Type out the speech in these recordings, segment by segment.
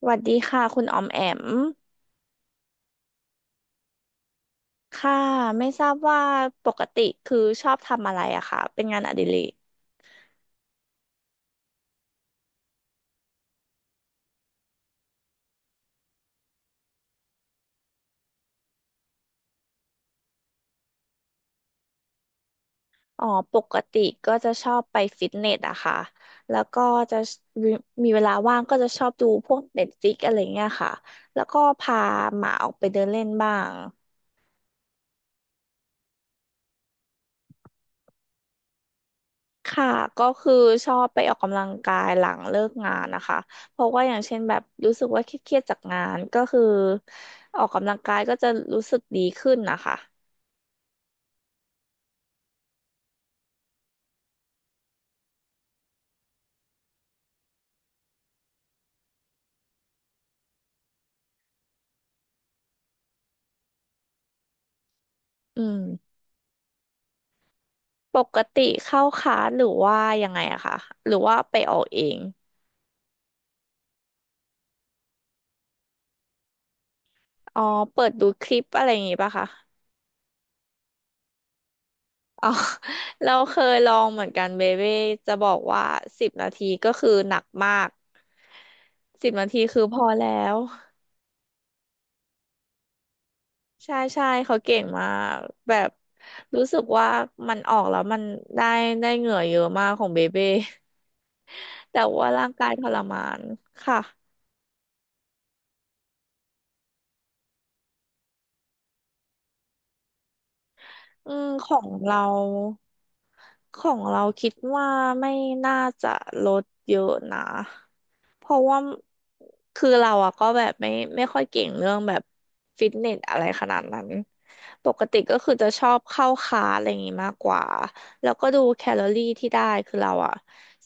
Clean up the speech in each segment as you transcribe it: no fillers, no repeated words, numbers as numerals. สวัสดีค่ะคุณออมแอมค่ะไม่ทราบว่าปกติคือชอบทำอะไรอะค่ะเป็นงานอดิเรกอ๋อปกติก็จะชอบไปฟิตเนสอะค่ะแล้วก็จะมีเวลาว่างก็จะชอบดูพวกเน็ตฟ i ิกอะไรเงี้ยค่ะแล้วก็พาหมาออกไปเดินเล่นบ้างค่ะก็คือชอบไปออกกำลังกายหลังเลิกงานนะคะเพราะว่าอย่างเช่นแบบรู้สึกว่าเครียดๆจากงานก็คือออกกำลังกายก็จะรู้สึกดีขึ้นนะคะอืม ปกติเข้าคลาสหรือว่ายังไงอะคะหรือว่าไปออกเองอ๋อเปิดดูคลิปอะไรอย่างงี้ป่ะคะอ๋อ เราเคยลองเหมือนกันเบเบ้จะบอกว่าสิบนาทีก็คือหนักมากสิบนาทีคือพอแล้วใช่ใช่เขาเก่งมากแบบรู้สึกว่ามันออกแล้วมันได้ได้เหงื่อเยอะมากของเบเบ้ แต่ว่าร่างกายทรมานค่ะ อืมของเราคิดว่าไม่น่าจะลดเยอะนะเพราะว่าคือเราอะก็แบบไม่ค่อยเก่งเรื่องแบบฟิตเนสอะไรขนาดนั้นปกติก็คือจะชอบเข้าคลาสอะไรอย่างงี้มากกว่าแล้วก็ดูแคลอรี่ที่ได้คือเราอะ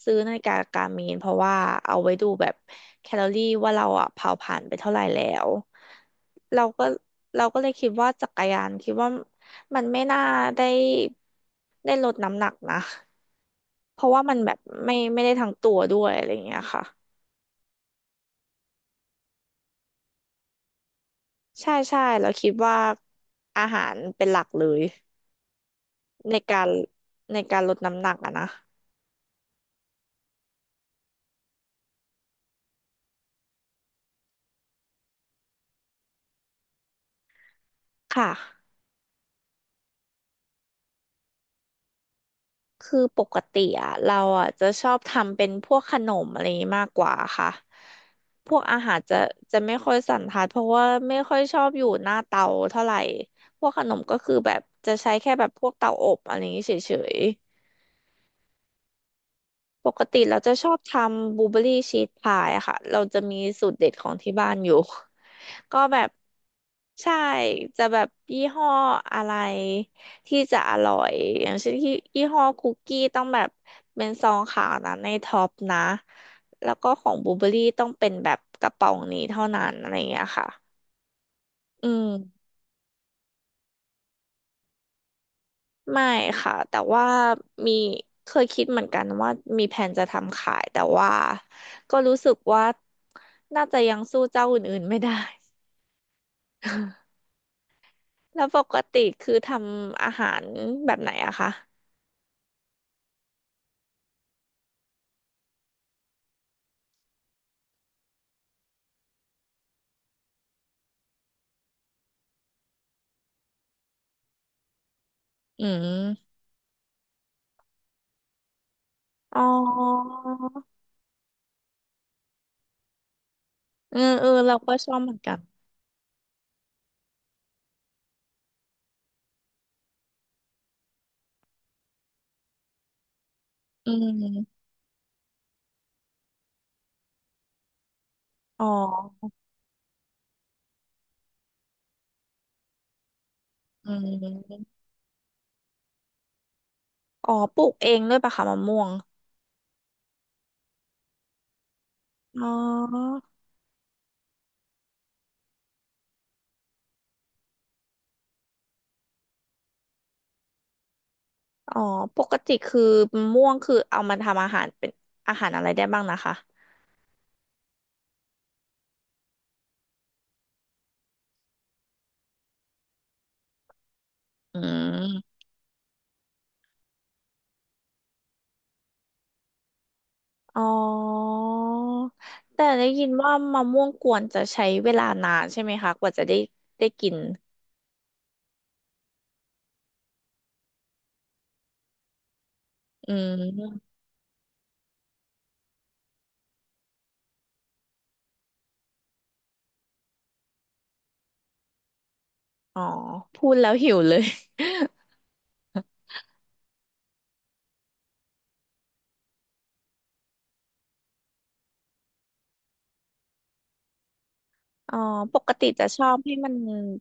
ซื้อนาฬิกาการ์มีนเพราะว่าเอาไว้ดูแบบแคลอรี่ว่าเราอะเผาผ่านไปเท่าไหร่แล้วเราก็เราก็เลยคิดว่าจักรยานคิดว่า มันไม่น่าได้ลดน้ำหนักนะเพราะว่ามันแบบไม่ได้ทั้งตัวด้วยอะไรอย่างเงี้ยค่ะใช่ใช่เราคิดว่าอาหารเป็นหลักเลยในการในการลดน้ำหนักอะนะค่ะคือปกติอะเราอะจะชอบทำเป็นพวกขนมอะไรอย่างงี้มากกว่าค่ะพวกอาหารจะไม่ค่อยสันทัดเพราะว่าไม่ค่อยชอบอยู่หน้าเตาเท่าไหร่พวกขนมก็คือแบบจะใช้แค่แบบพวกเตาอบอะไรอย่างงี้เฉย ปกติเราจะชอบทำบลูเบอรี่ชีสพายอะค่ะเราจะมีสูตรเด็ดของที่บ้านอยู่ ก็แบบใช่จะแบบยี่ห้ออะไรที่จะอร่อยอย่างเช่นที่ยี่ห้อคุกกี้ต้องแบบเป็นซองขาวนะในท็อปนะแล้วก็ของบลูเบอรี่ต้องเป็นแบบกระป๋องนี้เท่านั้นอะไรอย่างเงี้ยค่ะอืม ไม่ค่ะแต่ว่ามีเคยคิดเหมือนกันว่ามีแผนจะทำขายแต่ว่าก็รู้สึกว่าน่าจะยังสู้เจ้าอื่นๆไม่ได้ แล้วปกติคือทำอาหารแบบไหนอะคะอืมอ๋อเออเออเราก็ชอบเหมือนกันอืมอ๋ออืมอ๋อปลูกเองด้วยปะคะมะม่วงอ๋ออ๋อปกติคือมะม่วงคือเอามาทำอาหารเป็นอาหารอะไรได้บ้างนะคะอืม อ๋อ แต่ได้ยินว่ามะม่วงกวนจะใช้เวลานานใช่ไหมคะกว่าจะได้กินอืมอ๋อ พูดแล้วหิวเลย อ๋อ ปกติจะชอบให้มัน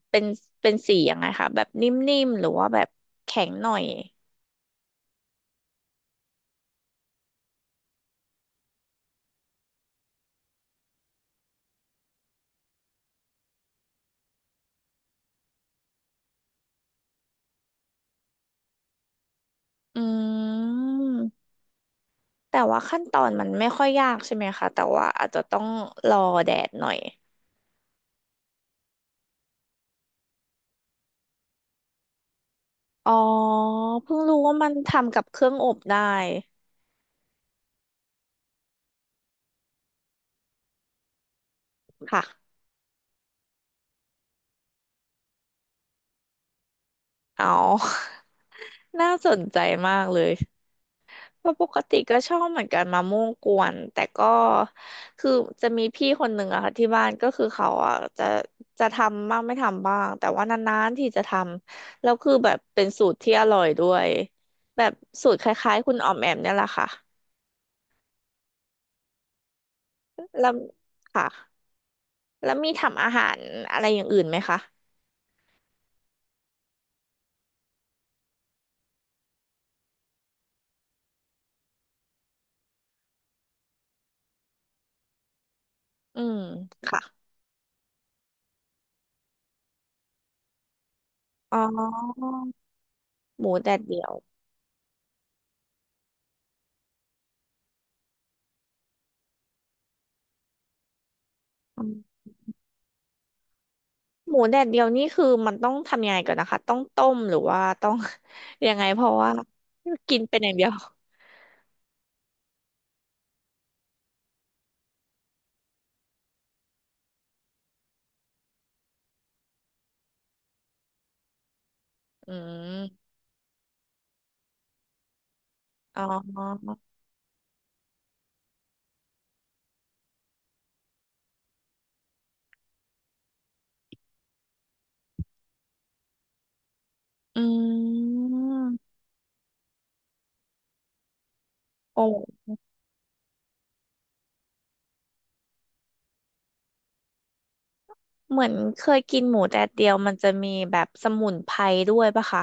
เป็นเป็นสียังไงคะแบบนิ่มๆหรือว่าแบบแข็งหน่อย อืม แต่ว่าขั้นตอนมันไม่ค่อยยากใช่ไหมคะแต่ว่าอาจจะต้องรอแดดหน่อย อ๋อ เพิ่งรู้ว่ามันทำกับเครื่องอบได้ค่ะอ๋อ น่าสนใจมากเลยเพราะปกติก็ชอบเหมือนกันมะม่วงกวนแต่ก็คือจะมีพี่คนหนึ่งอะค่ะที่บ้านก็คือเขาอะจะทำบ้างไม่ทำบ้างแต่ว่านานๆที่จะทำแล้วคือแบบเป็นสูตรที่อร่อยด้วยแบบสูตรคล้ายๆคุณออมแอมเนี่ยแหละค่ะแล้วค่ะแล้วมีทำอาหารอะไรอย่างอื่นไหมคะอืมค่ะอ๋อหมูแดดเดียว หมูแดดเดียวนี่คือมันต้องทำยังไงก่อนนะคะต้องต้มหรือว่า ต้อง ยังไงเพราะว่ากินเป็นอย่างเดียวอืมอ๋ออืมโอ้เหมือนเคยกินหมูแดดเดียวมันจะมีแบบสมุนไพรด้วยปะคะ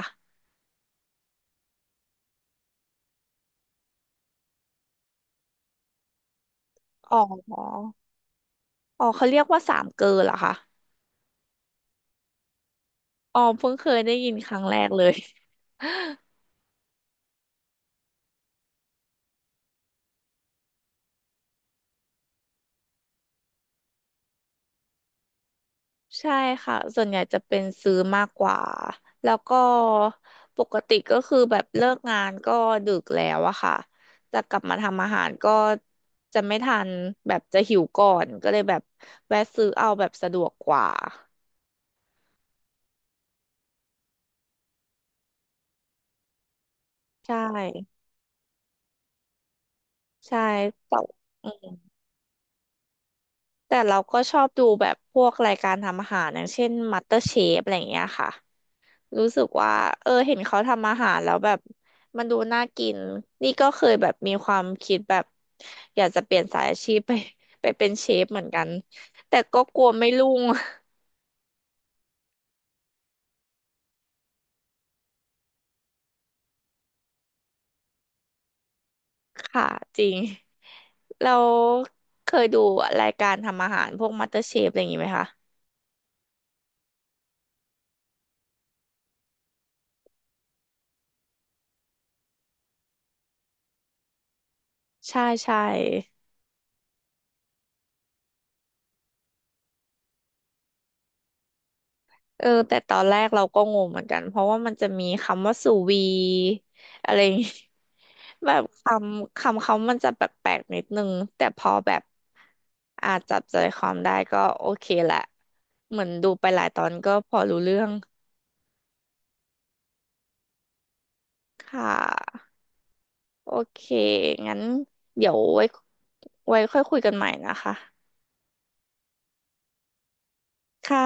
อ๋ออ๋อเขาเรียกว่าสามเกลอเหรอคะอ๋อเพิ่งเคยได้ยินครั้งแรกเลย ใช่ค่ะส่วนใหญ่จะเป็นซื้อมากกว่าแล้วก็ปกติก็คือแบบเลิกงานก็ดึกแล้วอะค่ะจะกลับมาทำอาหารก็จะไม่ทันแบบจะหิวก่อนก็เลยแบบแวะซื้อเอาแบบสะดวกกว่าใช่ใช่แต่อืมแต่เราก็ชอบดูแบบพวกรายการทำอาหารอย่างเช่น MasterChef อะไรอย่างเงี้ยค่ะ รู้สึกว่าเออเห็นเขาทำอาหารแล้วแบบมันดูน่ากินนี่ก็เคยแบบมีความคิดแบบอยากจะเปลี่ยนสายอาชีพ ไปเป็นเชฟเหมือนกันแต่ก็กลัวไม่รุ่ง ค่ะจริงเราเคยดูรายการทำอาหารพวกมาสเตอร์เชฟอะไรอย่างนี้ไหมคะใช่ใช่ เออแต่ตอนแรกเราก็งงเหมือนกันเพราะว่ามันจะมีคำว่าสูวีอะไรอย่างงี้ แบบคำคำเขามันจะแปลกๆนิดนึงแต่พอแบบอาจจับใจความได้ก็โอเคแหละเหมือนดูไปหลายตอนก็พอรู้เรื่องค่ะโอเคงั้นเดี๋ยวไว้ไว้ค่อยคุยกันใหม่นะคะค่ะ